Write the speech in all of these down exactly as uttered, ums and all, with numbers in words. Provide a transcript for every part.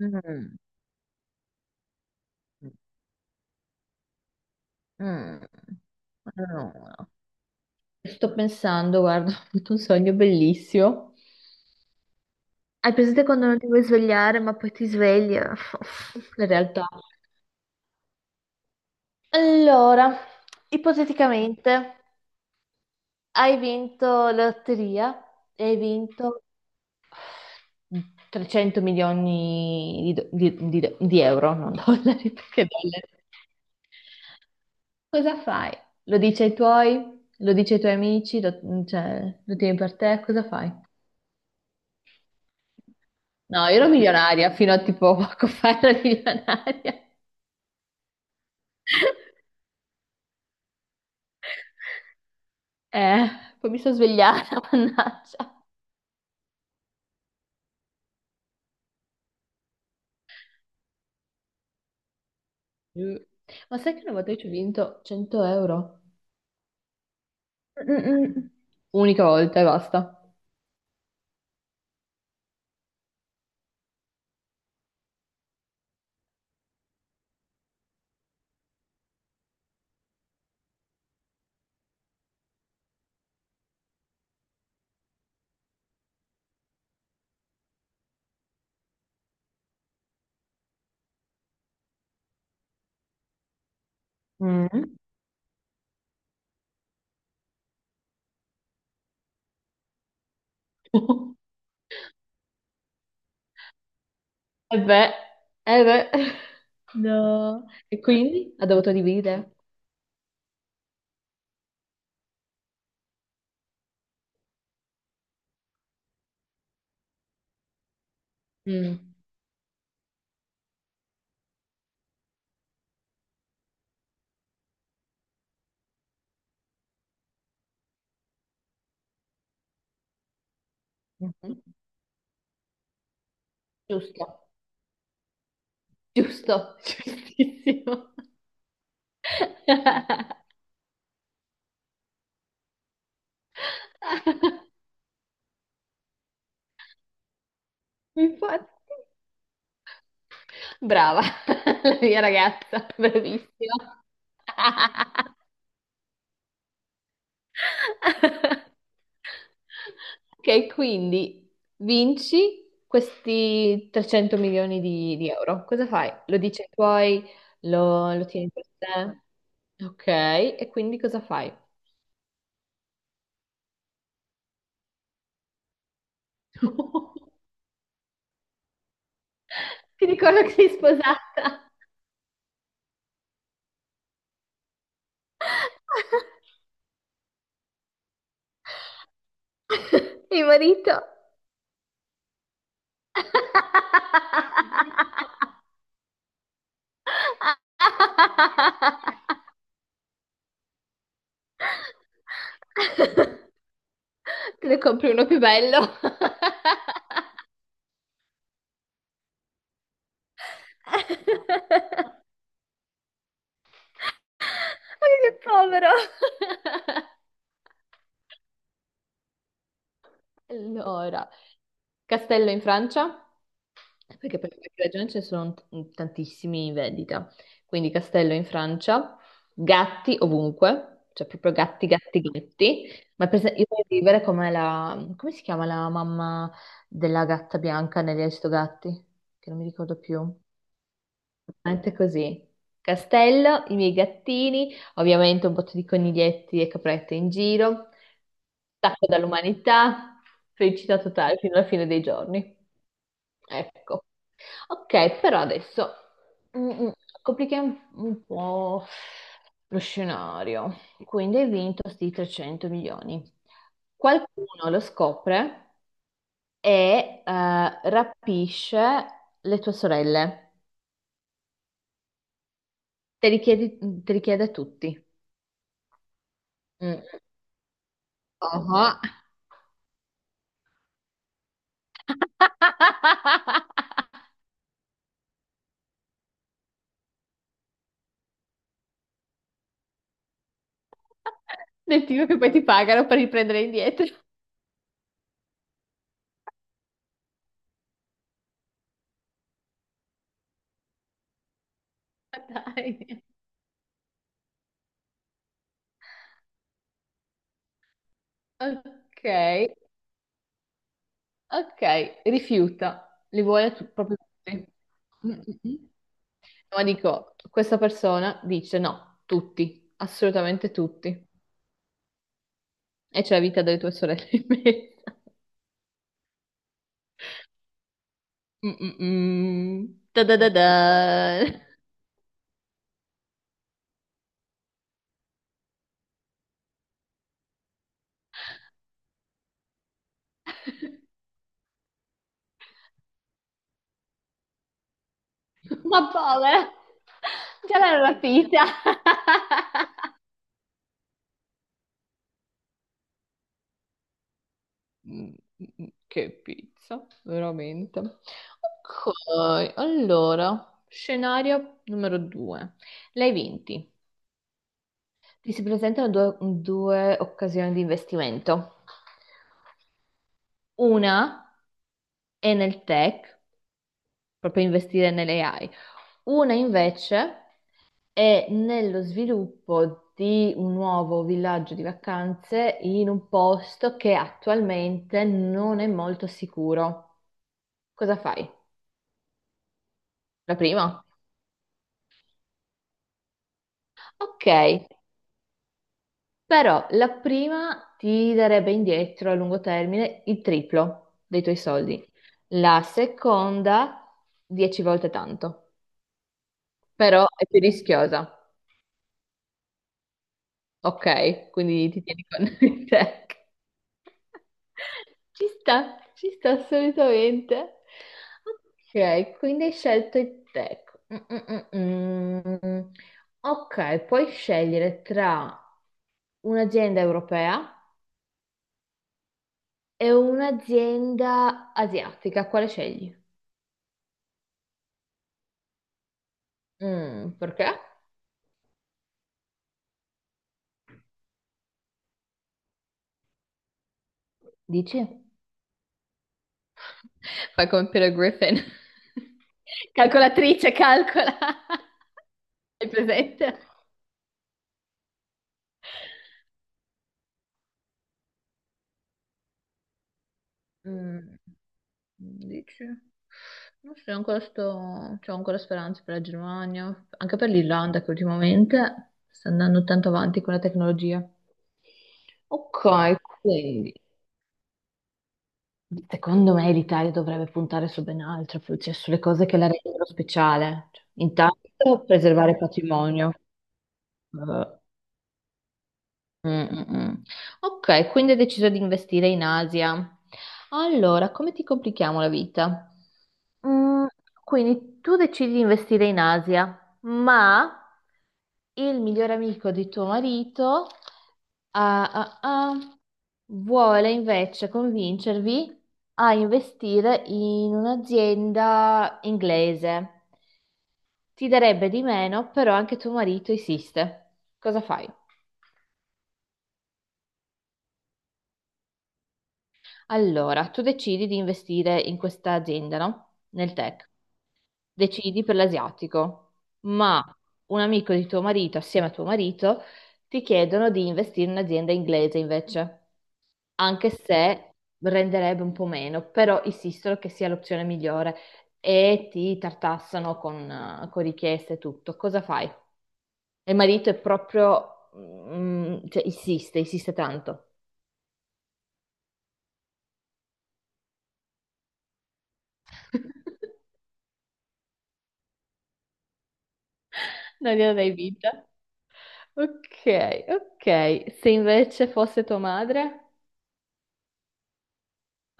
Mm, mm, allora. Sto pensando, guarda, ho avuto un sogno bellissimo. Hai presente quando non ti vuoi svegliare, ma poi ti svegli? Eh, La realtà. Allora, ipoteticamente hai vinto la lotteria e hai vinto trecento milioni di, do- di- di- di euro, non dollari, perché dollari. Cosa fai? Lo dici ai tuoi? Lo dici ai tuoi amici? Lo, cioè, lo tieni per te? Cosa fai? No, io ero milionaria fino a tipo poco fa ero milionaria. Eh, poi mi sono svegliata, mannaggia. Mm. Ma sai che una volta io ci ho vinto cento euro? Mm-mm. Unica volta e basta. Mm. E beh, eh beh. No. E quindi ha dovuto dividere. Mm. Mhm. Giusto, giusto, giustissimo. Infatti. Brava, la mia ragazza, bravissima. Ok, quindi vinci questi trecento milioni di, di euro. Cosa fai? Lo dici ai tuoi? Lo, lo tieni per te? Ok, e quindi cosa fai? Ti ricordo che sei sposata. Mio marito. Te ne compri uno più bello. Ma che povero! Allora, castello in Francia, perché per qualche ragione ce ne sono t- mm, tantissimi in vendita. Quindi castello in Francia, gatti ovunque, cioè proprio gatti, gatti, gatti. Ma per esempio, io voglio vivere come la... come si chiama la mamma della gatta bianca negli Aristogatti? Che non mi ricordo più. Anche così. Castello, i miei gattini, ovviamente un botto di coniglietti e caprette in giro, stacco dall'umanità, felicità totale fino alla fine dei giorni. Ecco. Ok, però adesso mm, mm, complichiamo un po' lo scenario. Quindi hai vinto sti trecento milioni. Qualcuno lo scopre e eh, rapisce le tue sorelle. Te li chiedi, te li chiede a tutti. Mm. Oh. Del tipo che poi ti pagano per riprendere indietro. Dai. Ok, ok, rifiuta, li vuole tu- proprio tutti. Mm, mm, mm. Ma dico, questa persona dice no, tutti, assolutamente tutti. E c'è la vita delle tue sorelle in mezzo. Mm, mm, mm. Ta da da da. Ma povera, già l'hanno rapita. Mm, Che pizza, veramente. Ok, allora, scenario numero due. Lei vinti. Ti si presentano due, due occasioni di investimento. Una è nel tech, proprio investire nelle A I. Una invece è nello sviluppo di un nuovo villaggio di vacanze in un posto che attualmente non è molto sicuro. Cosa fai? La prima? Ok, però la prima ti darebbe indietro a lungo termine il triplo dei tuoi soldi. La seconda, dieci volte tanto, però è più rischiosa. Ok, quindi ti tieni con te. Ci sta, ci sta assolutamente. Ok, quindi hai scelto il tech. Mm, mm, mm, mm. Ok, puoi scegliere tra un'azienda europea e un'azienda asiatica. Quale scegli? Mm, perché? Dici? Fai come Peter Griffin. Calcolatrice, calcola. Hai presente? Mm, dici? Non so, ancora sto... c'ho ancora speranze per la Germania, anche per l'Irlanda che ultimamente sta andando tanto avanti con la tecnologia. Ok, quindi secondo me l'Italia dovrebbe puntare su ben altro, cioè sulle cose che la rendono speciale. Cioè, intanto preservare il patrimonio, eh, Mm, mm, mm. Ok, quindi hai deciso di investire in Asia. Allora, come ti complichiamo la vita? Mm, quindi tu decidi di investire in Asia, ma il migliore amico di tuo marito ah, ah, ah, vuole invece convincervi a investire in un'azienda inglese. Ti darebbe di meno, però anche tuo marito insiste. Cosa fai? Allora, tu decidi di investire in questa azienda, no? Nel tech. Decidi per l'asiatico, ma un amico di tuo marito, assieme a tuo marito, ti chiedono di investire in un'azienda inglese invece, anche se renderebbe un po' meno, però insistono che sia l'opzione migliore e ti tartassano con, eh, con richieste e tutto. Cosa fai? E il marito è proprio, mm, cioè, insiste, insiste tanto. Non glielo dai vinta. Ok, ok. Se invece fosse tua madre?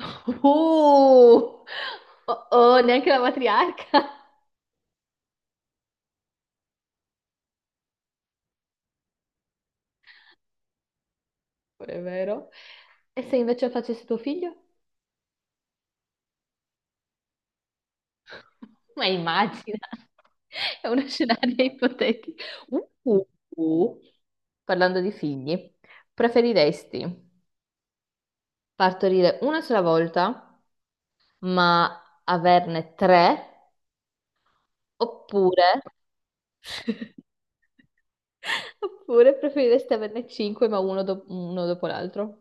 Oh, oh, oh, neanche la matriarca. Pure è vero. E se invece facesse tuo figlio? Ma immagina, è uno scenario ipotetico. Uh, uh. Parlando di figli, preferiresti partorire una sola volta, ma averne tre, oppure oppure preferiresti averne cinque ma uno, do- uno dopo l'altro?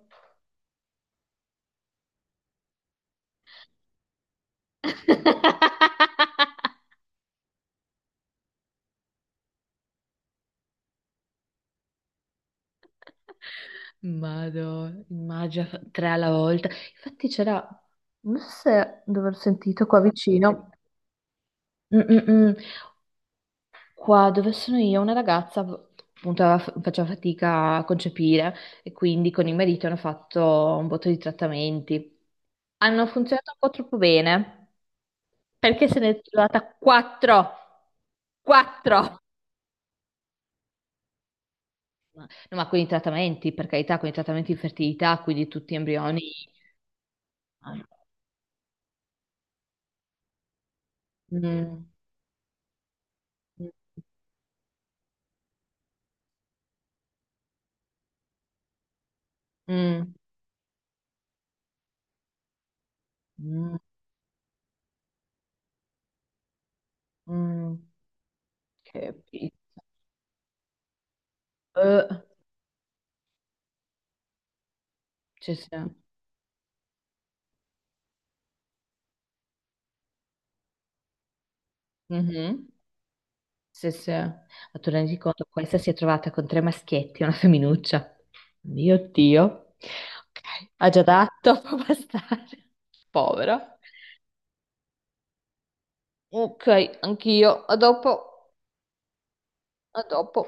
Madò, immagina fa- tre alla volta. Infatti c'era, non so se dove ho sentito qua vicino, Mm, mm, mm. Qua dove sono io, una ragazza appunto aveva fa- faceva fatica a concepire e quindi con il marito hanno fatto un botto di trattamenti. Hanno funzionato un po' troppo bene. Perché se ne è trovata quattro? Quattro! No, ma con i trattamenti, per carità, con i trattamenti di fertilità, quindi tutti embrioni. Mm, mm, mm, mm, che pizza. Eh, sì, sì. Mhm. Sì, sì. Ma tu rendi conto, questa si è trovata con tre maschietti e una femminuccia. Mio Dio. Ok, ha già dato, può bastare. Povera. Ok, anch'io. A dopo. A dopo.